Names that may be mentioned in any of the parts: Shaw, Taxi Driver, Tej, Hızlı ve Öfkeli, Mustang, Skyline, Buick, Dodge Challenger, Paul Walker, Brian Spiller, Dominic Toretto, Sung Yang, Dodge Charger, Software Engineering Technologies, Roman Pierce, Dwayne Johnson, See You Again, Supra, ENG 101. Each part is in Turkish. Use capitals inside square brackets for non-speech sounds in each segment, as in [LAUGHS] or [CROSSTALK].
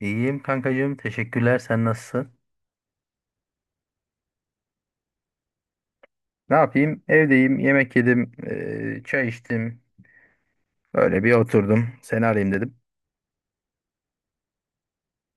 İyiyim kankacığım. Teşekkürler. Sen nasılsın? Ne yapayım? Evdeyim. Yemek yedim. Çay içtim. Böyle bir oturdum. Seni arayayım dedim.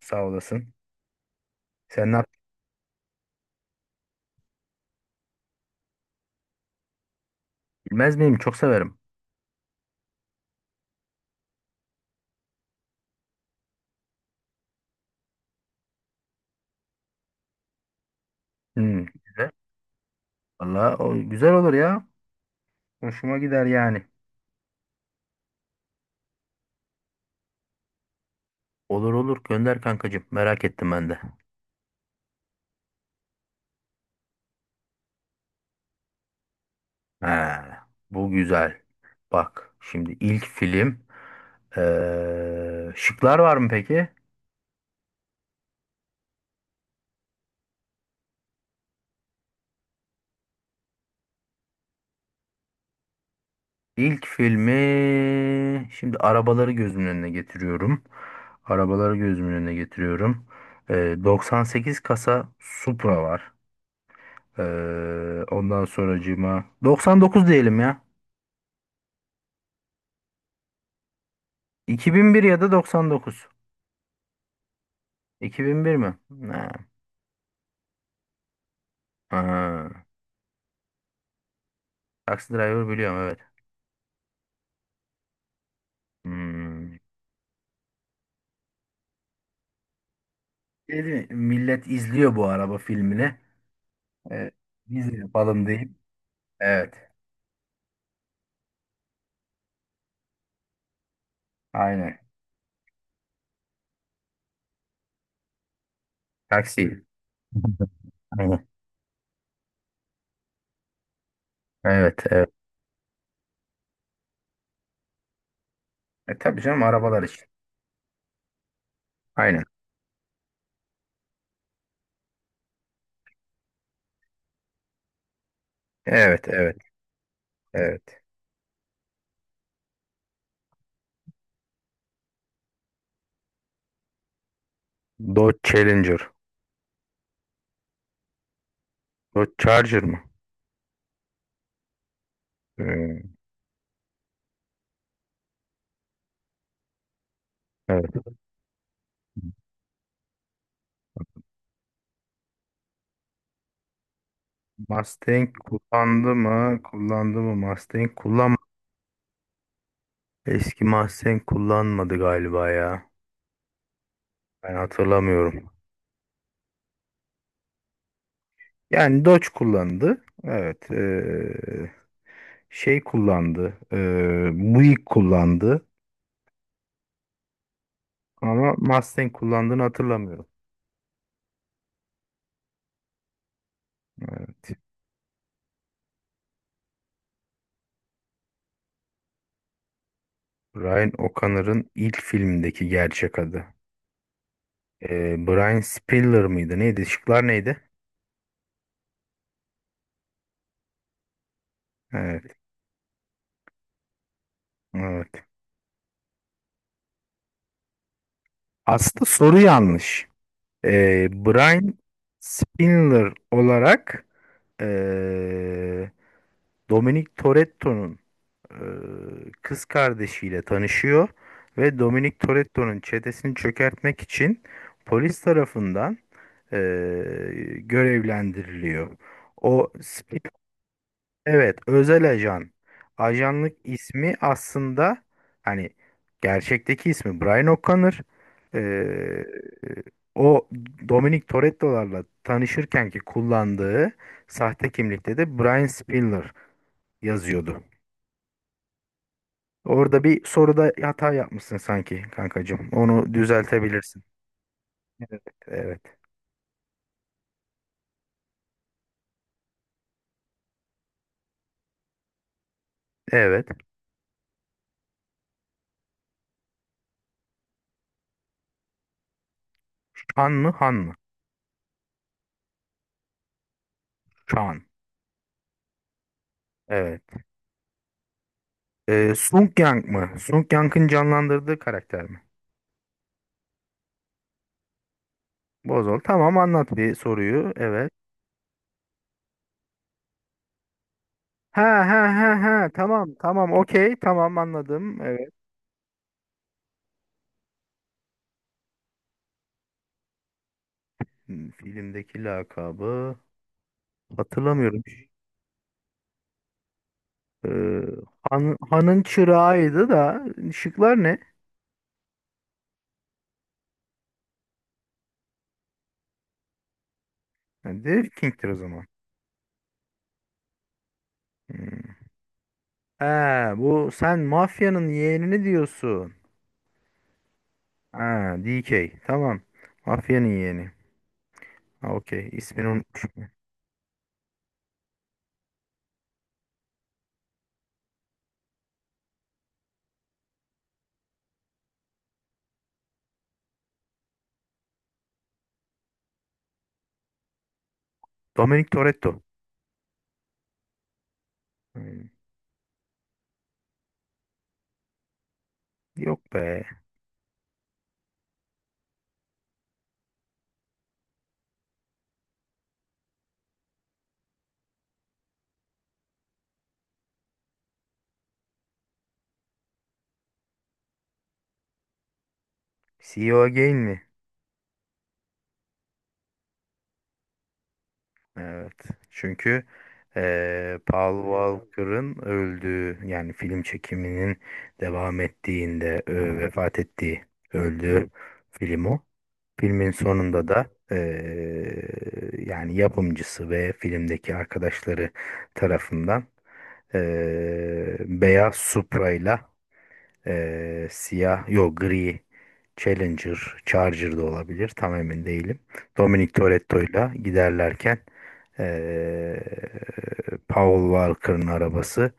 Sağ olasın. Sen ne yaptın? Bilmez miyim? Çok severim. Hmm, güzel. Valla o güzel olur ya. Hoşuma gider yani. Olur olur. Gönder kankacığım. Merak ettim ben de. Ha, bu güzel. Bak şimdi ilk film. Şıklar var mı peki? İlk filmi şimdi arabaları gözümün önüne getiriyorum. Arabaları gözümün önüne getiriyorum. Ee, 98 kasa Supra var. Ondan sonracığıma 99 diyelim ya. 2001 ya da 99. 2001 mi? Ha. Ha. Taxi Driver biliyorum, evet. Hmm. Şey değil mi? Millet izliyor bu araba filmini. Ee, Biz de yapalım deyip. Evet. Aynen. Taksi. [LAUGHS] Aynen. Evet, evet. E tabii canım, arabalar için. Aynen. Evet, evet, evet. Dodge Challenger. Dodge Charger mı? Ee, evet. Mustang kullandı mı? Kullandı mı Mustang? Eski Mustang kullanmadı galiba ya. Ben hatırlamıyorum. Yani Dodge kullandı. Evet. Şey kullandı. Buick kullandı. Ama Mustang kullandığını hatırlamıyorum. Evet. Ryan O'Connor'ın ilk filmdeki gerçek adı. Brian Spiller mıydı? Neydi? Şıklar neydi? Evet. Evet. Aslında soru yanlış. Brian Spiller olarak ee, Dominic Toretto'nun ee, kız kardeşiyle tanışıyor ve Dominic Toretto'nun çetesini çökertmek için polis tarafından görevlendiriliyor. O Sp- Evet, özel ajan. Ajanlık ismi aslında, hani gerçekteki ismi Brian O'Connor. Ee, o Dominic Toretto'larla tanışırken ki kullandığı sahte kimlikte de Brian Spiller yazıyordu. Orada bir soruda hata yapmışsın sanki kankacığım. Onu düzeltebilirsin. Evet. Evet. Han mı? Han mı? Chan. Evet. Sung Yang mı? Sung Yang'ın canlandırdığı karakter mi? Bozol. Tamam, anlat bir soruyu. Evet. Ha ha ha ha. Tamam, tamam, okey. Tamam, anladım. Evet. Hmm, filmdeki lakabı hatırlamıyorum. Ee, hanın çırağıydı da, şıklar ne? Ha, The King'tir o zaman. Hmm. Ha, bu sen mafyanın yeğenini diyorsun. Ha, D K. Tamam. Mafyanın yeğeni. Ha, okey. İsmini unutmuşum. Dominic Toretto. Hmm. Yok be. C CEO Again mi? Evet. Çünkü Paul Walker'ın öldüğü, yani film çekiminin devam ettiğinde vefat ettiği, öldüğü film o. Filmin sonunda da yani yapımcısı ve filmdeki arkadaşları tarafından beyaz Supra'yla siyah, yok gri Challenger, Charger da olabilir. Tam emin değilim. Dominic Toretto'yla giderlerken ee, Paul Walker'ın arabası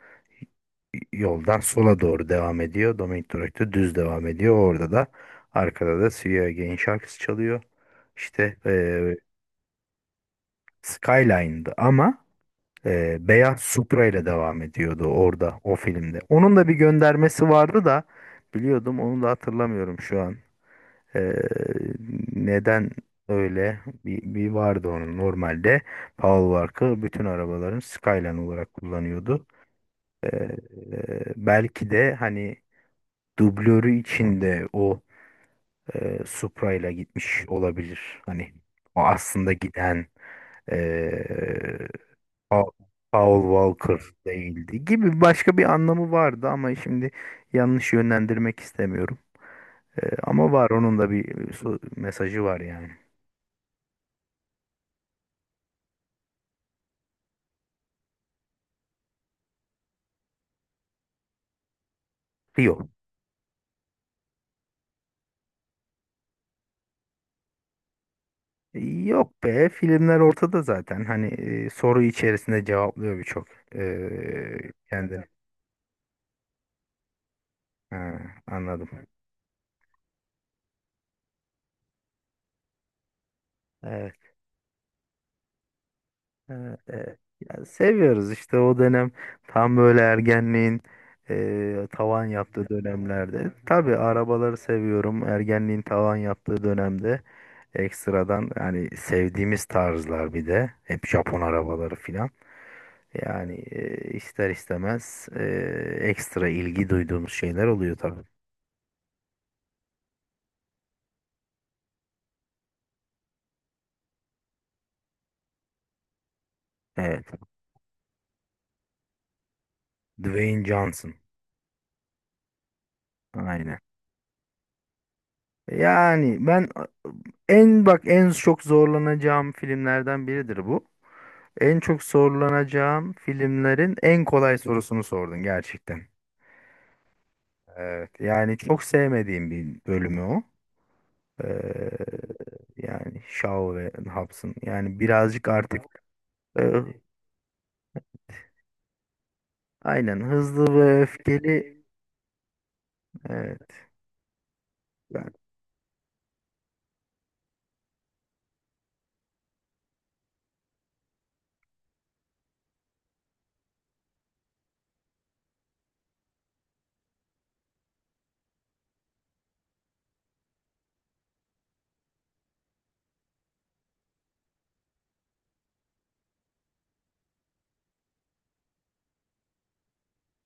yoldan sola doğru devam ediyor. Dominic Toretto düz devam ediyor. Orada da, arkada da See You Again şarkısı çalıyor. İşte, Skyline'dı ama beyaz Supra ile devam ediyordu orada o filmde. Onun da bir göndermesi vardı da, biliyordum, onu da hatırlamıyorum şu an. Ee, neden öyle? Bir vardı onun normalde. Paul Walker bütün arabaların Skyline olarak kullanıyordu. Ee, belki de hani dublörü içinde o Supra ile gitmiş olabilir. Hani o aslında giden e, Pa- Paul Walker değildi gibi, başka bir anlamı vardı ama şimdi yanlış yönlendirmek istemiyorum. Ama var onun da bir mesajı var yani. Rio. Yok be, filmler ortada zaten. Hani soru içerisinde cevaplıyor birçok kendini. Ha, anladım. Evet. Evet, evet. Ya seviyoruz işte o dönem, tam böyle ergenliğin tavan yaptığı dönemlerde. Tabii arabaları seviyorum. Ergenliğin tavan yaptığı dönemde ekstradan, yani sevdiğimiz tarzlar bir de hep Japon arabaları filan. Yani ister istemez ekstra ilgi duyduğumuz şeyler oluyor tabii. Evet. Dwayne Johnson. Aynen. Yani ben en, bak, en çok zorlanacağım filmlerden biridir bu. En çok zorlanacağım filmlerin en kolay sorusunu sordun gerçekten. Evet. Yani çok sevmediğim bir bölümü o. Ee, yani Shaw ve Hobbs'ın. Yani birazcık artık e, aynen hızlı ve öfkeli. Evet.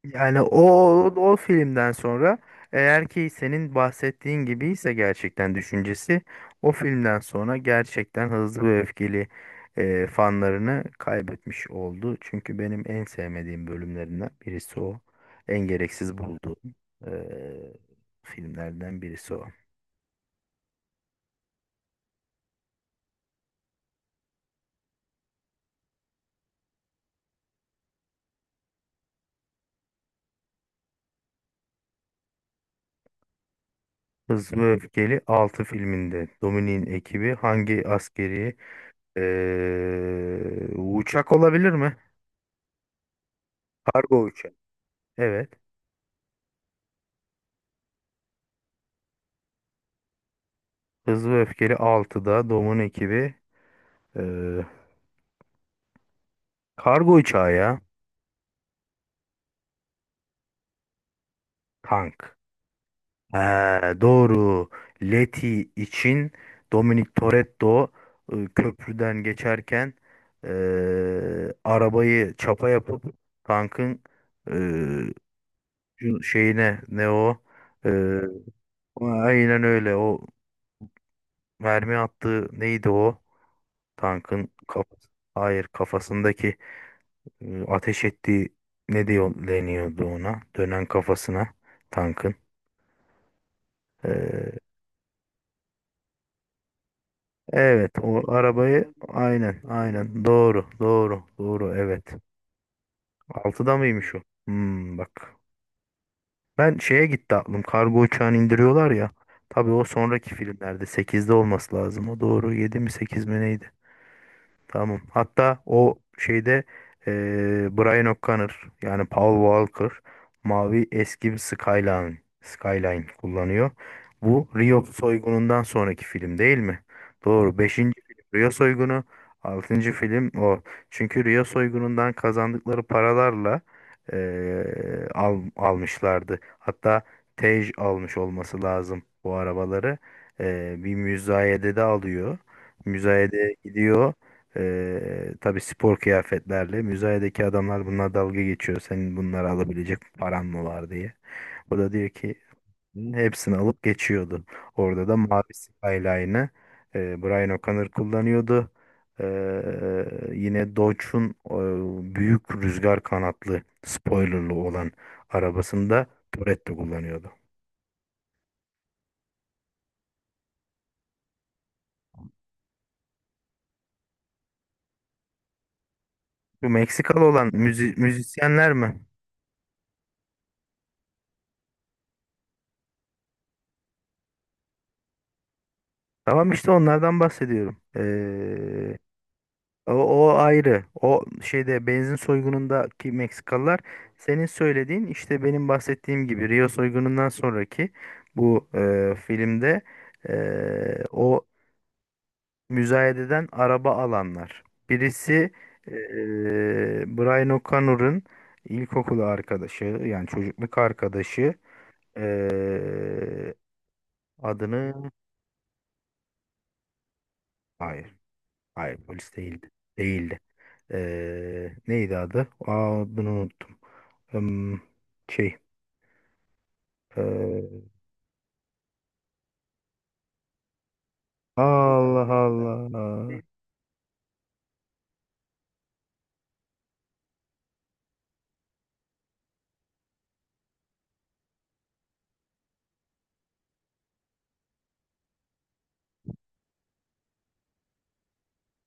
Yani o o filmden sonra, eğer ki senin bahsettiğin gibi ise, gerçekten düşüncesi o filmden sonra gerçekten hızlı ve öfkeli fanlarını kaybetmiş oldu. Çünkü benim en sevmediğim bölümlerinden birisi o. En gereksiz bulduğum e, filmlerden birisi o. Hızlı ve Öfkeli 6 filminde Dominik'in ekibi hangi askeri uçak olabilir mi? Kargo uçağı. Evet. Hızlı ve Öfkeli 6'da Dominik'in ekibi eee, kargo uçağı ya. Tank. Ha, doğru. Leti için Dominic Toretto köprüden geçerken arabayı çapa yapıp tankın eee, şeyine, ne o? Aynen öyle. O mermi attığı neydi o? Tankın kafası. Hayır, kafasındaki ateş ettiği ne diyor, deniyordu ona? Dönen kafasına tankın. Ee, evet, o arabayı, aynen aynen, doğru doğru doğru, evet. Altıda mıymış o? Hmm, bak. Ben şeye gitti aklım. Kargo uçağını indiriyorlar ya. Tabii o sonraki filmlerde 8'de olması lazım. O doğru. 7 mi 8 mi neydi? Tamam. Hatta o şeyde eee Brian O'Connor, yani Paul Walker, mavi eski bir Skyline kullanıyor. Bu Rio soygunundan sonraki film değil mi? Doğru. 5. film Rio soygunu. 6. film o. Çünkü Rio soygunundan kazandıkları paralarla almışlardı. Hatta Tej almış olması lazım bu arabaları. Bir müzayede de alıyor. Müzayede gidiyor. Tabii spor kıyafetlerle. Müzayedeki adamlar bunlar dalga geçiyor. Senin bunları alabilecek paran mı var diye. O da diyor ki hepsini alıp geçiyordu. Orada da mavi Skyline'ı Brian O'Connor kullanıyordu. Ee, yine Dodge'un büyük rüzgar kanatlı spoilerlı olan arabasında Toretto kullanıyordu. Bu Meksikalı olan müzisyenler mi? Tamam, işte onlardan bahsediyorum. O, o ayrı. O şeyde benzin soygunundaki Meksikalılar, senin söylediğin, işte benim bahsettiğim gibi Rio soygunundan sonraki bu filmde, o müzayededen araba alanlar. Birisi e, Brian O'Connor'ın ilkokulu arkadaşı, yani çocukluk arkadaşı, e, adını, hayır hayır, polis değildi. Değildi. Neydi adı? Aa, adını unuttum. Hmm, şey. ee, Allah Allah.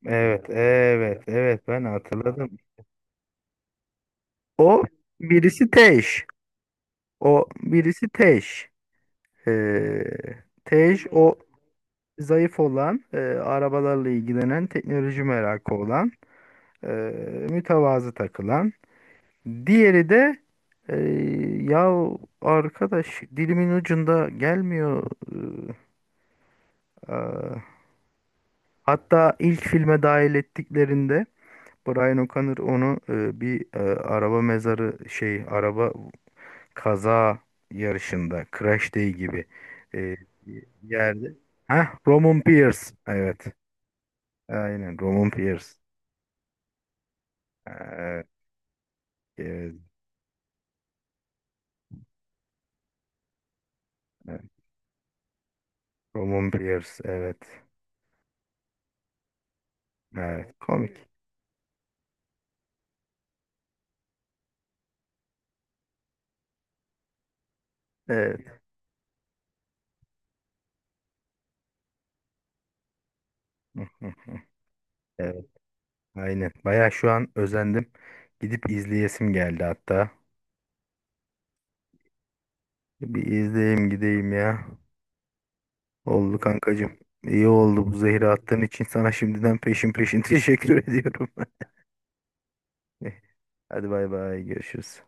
Evet evet evet, ben hatırladım. O birisi Teş. O birisi Teş. Ee, Tej o zayıf olan, arabalarla ilgilenen, teknoloji merakı olan, e, mütevazı takılan. Diğeri de e, ya arkadaş, dilimin ucunda gelmiyor. E, aa. Hatta ilk filme dahil ettiklerinde Brian O'Connor onu bir araba mezarı, şey, araba kaza yarışında, Crash Day gibi e, bir yerde. Ha, Roman Pierce. Evet. Aynen Roman Pierce. Evet, evet, evet. Roman Pierce. Evet. Evet. Komik. Evet. [LAUGHS] Aynen. Baya şu an özendim. Gidip izleyesim geldi hatta. Bir izleyeyim gideyim ya. Oldu kankacığım. İyi oldu bu zehri attığın için sana şimdiden peşin peşin [LAUGHS] teşekkür ediyorum. [LAUGHS] Hadi bay bay, görüşürüz.